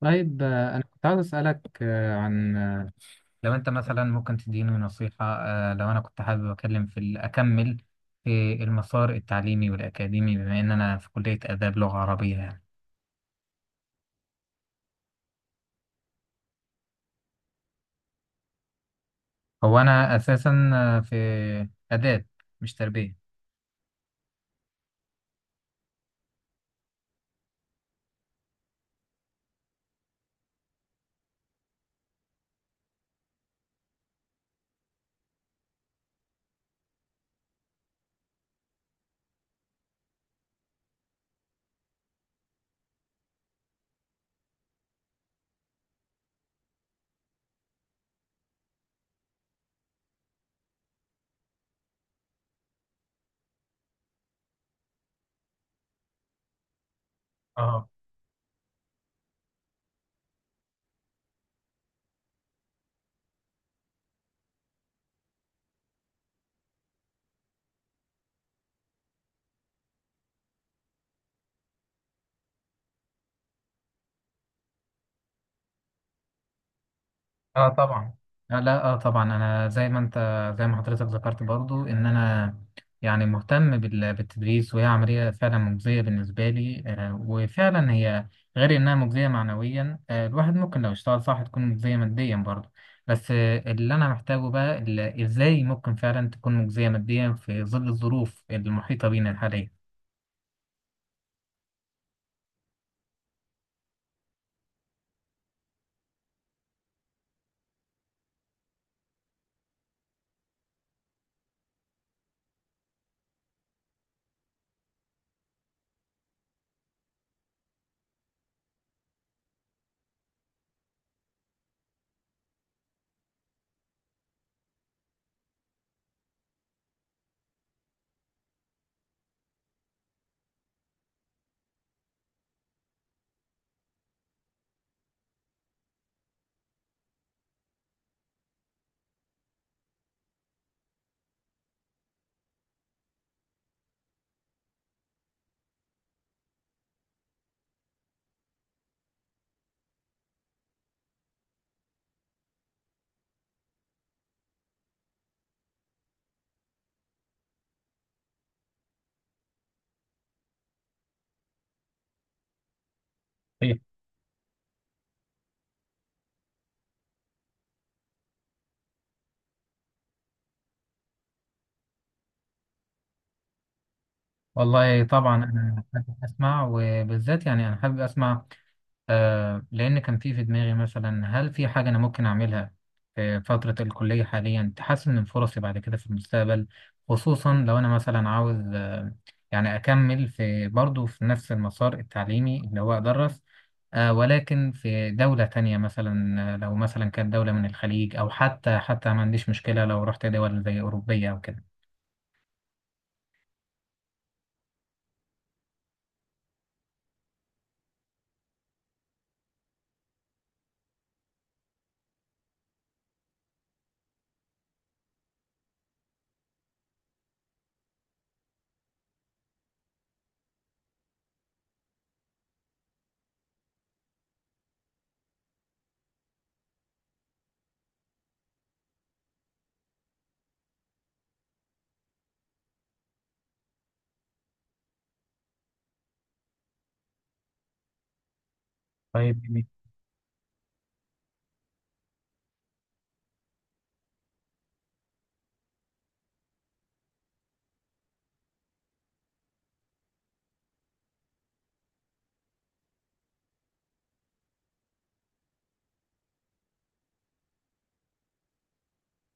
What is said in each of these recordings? طيب، أنا كنت عاوز أسألك، آه، عن آه، لو أنت مثلا ممكن تديني نصيحة. لو أنا كنت حابب أكلم أكمل في المسار التعليمي والأكاديمي بما إن أنا في كلية آداب لغة عربية يعني. هو أنا أساسا، في آداب، مش تربية. اه. اه طبعا. آه لا اه طبعا انا زي ما انت، زي ما حضرتك ذكرت، برضو ان انا يعني مهتم بالتدريس، وهي عملية فعلا مجزية بالنسبة لي، وفعلا هي غير انها مجزية معنويا، الواحد ممكن لو اشتغل صح تكون مجزية ماديا برضو. بس اللي انا محتاجه بقى، ازاي ممكن فعلا تكون مجزية ماديا في ظل الظروف المحيطة بينا الحالية؟ صحيح. والله طبعا انا حابب اسمع، وبالذات يعني انا حابب اسمع لأن كان في دماغي، مثلا هل في حاجة أنا ممكن أعملها في فترة الكلية حاليا تحسن من فرصي بعد كده في المستقبل؟ خصوصا لو أنا مثلا عاوز، يعني أكمل في برضه في نفس المسار التعليمي اللي هو أدرس، ولكن في دولة تانية مثلا. لو مثلا كانت دولة من الخليج، أو حتى ما عنديش مشكلة لو رحت دول زي أوروبية أو كده. طيب،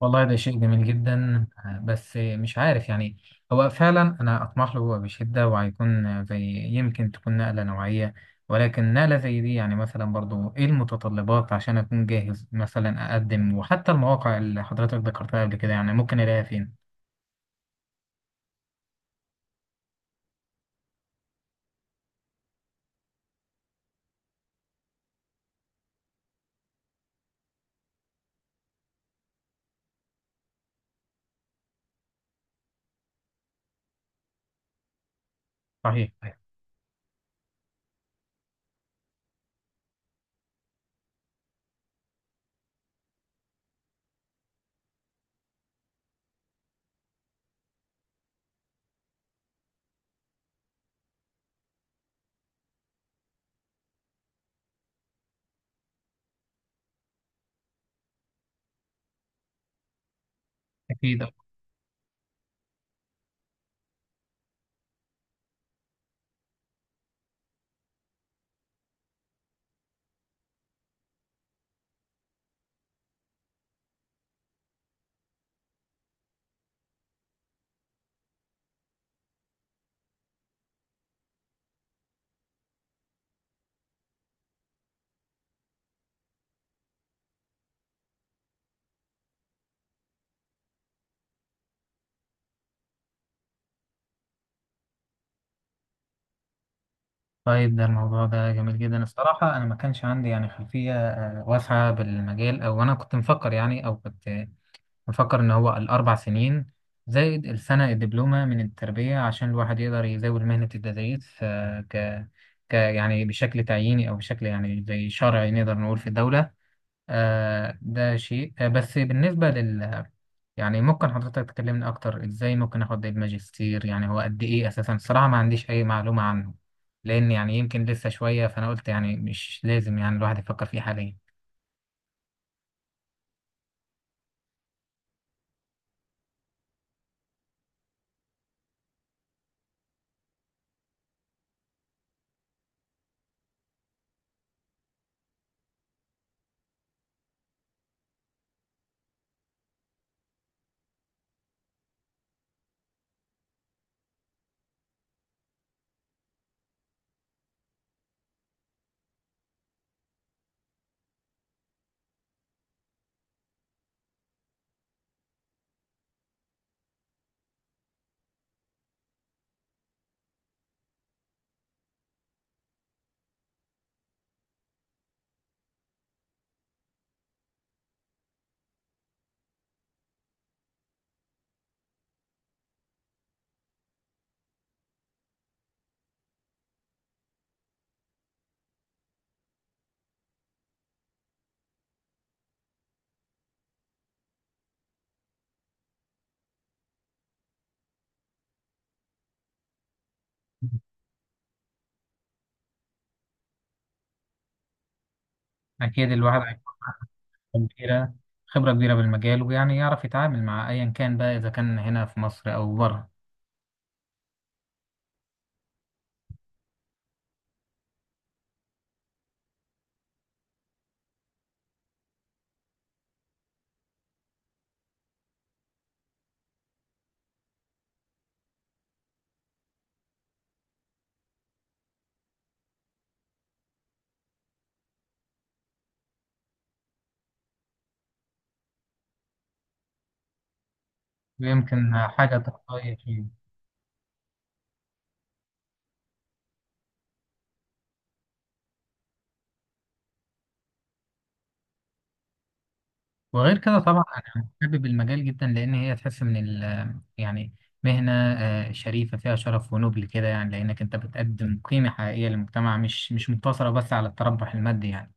والله ده شيء جميل جدا، بس مش عارف يعني. هو فعلا انا اطمح له بشده، وهيكون زي، يمكن تكون نقله نوعيه. ولكن نقله زي دي يعني، مثلا برضو ايه المتطلبات عشان اكون جاهز مثلا اقدم؟ وحتى المواقع اللي حضرتك ذكرتها قبل كده يعني ممكن الاقيها فين؟ صحيح، صحيح. اكيد. طيب، ده الموضوع ده جميل جدا الصراحه، انا ما كانش عندي يعني خلفيه، واسعه بالمجال، او انا كنت مفكر يعني، او كنت بفكر إن هو الأربع سنين زائد السنة الدبلومة من التربية عشان الواحد يقدر يزاول مهنة التدريس، آه، ك ك يعني بشكل تعييني أو بشكل يعني زي شرعي نقدر نقول في الدولة. ده شيء، آه، بس بالنسبة لل يعني ممكن حضرتك تكلمني أكتر إزاي ممكن آخد الماجستير؟ يعني هو قد إيه أساسا؟ الصراحة ما عنديش أي معلومة عنه، لأن يعني يمكن لسه شوية، فأنا قلت يعني مش لازم يعني الواحد يفكر فيه حاليا. أكيد الواحد كبيرة، خبرة كبيرة بالمجال، ويعني يعرف يتعامل مع أيا كان بقى، إذا كان هنا في مصر أو بره. ويمكن حاجة تقوية فيه. وغير كده طبعا أنا حابب المجال جدا، لأن هي تحس من ال يعني مهنة، شريفة، فيها شرف ونبل كده يعني، لأنك أنت بتقدم قيمة حقيقية للمجتمع، مش مقتصرة بس على التربح المادي يعني.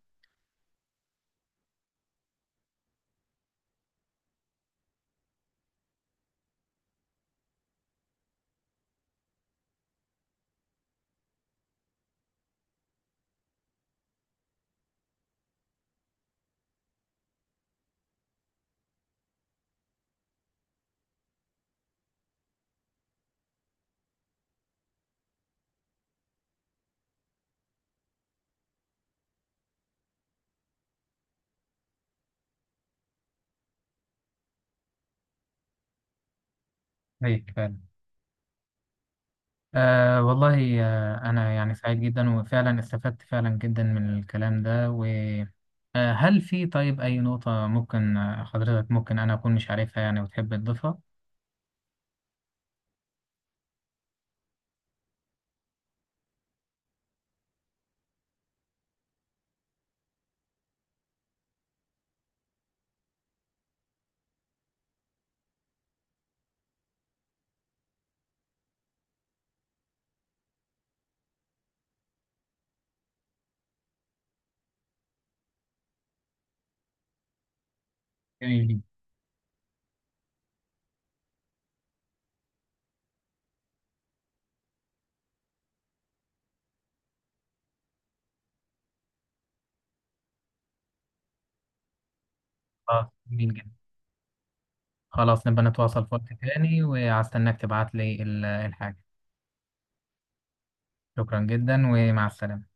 طيب فعلا، والله، أنا يعني سعيد جدا، وفعلا استفدت فعلا جدا من الكلام ده. و هل في طيب أي نقطة ممكن، حضرتك ممكن أنا أكون مش عارفها يعني وتحب تضيفها؟ جميل. آه جميل جدا. خلاص نبقى نتواصل في وقت تاني، وهستناك تبعت لي الحاجة. شكرا جدا ومع السلامة.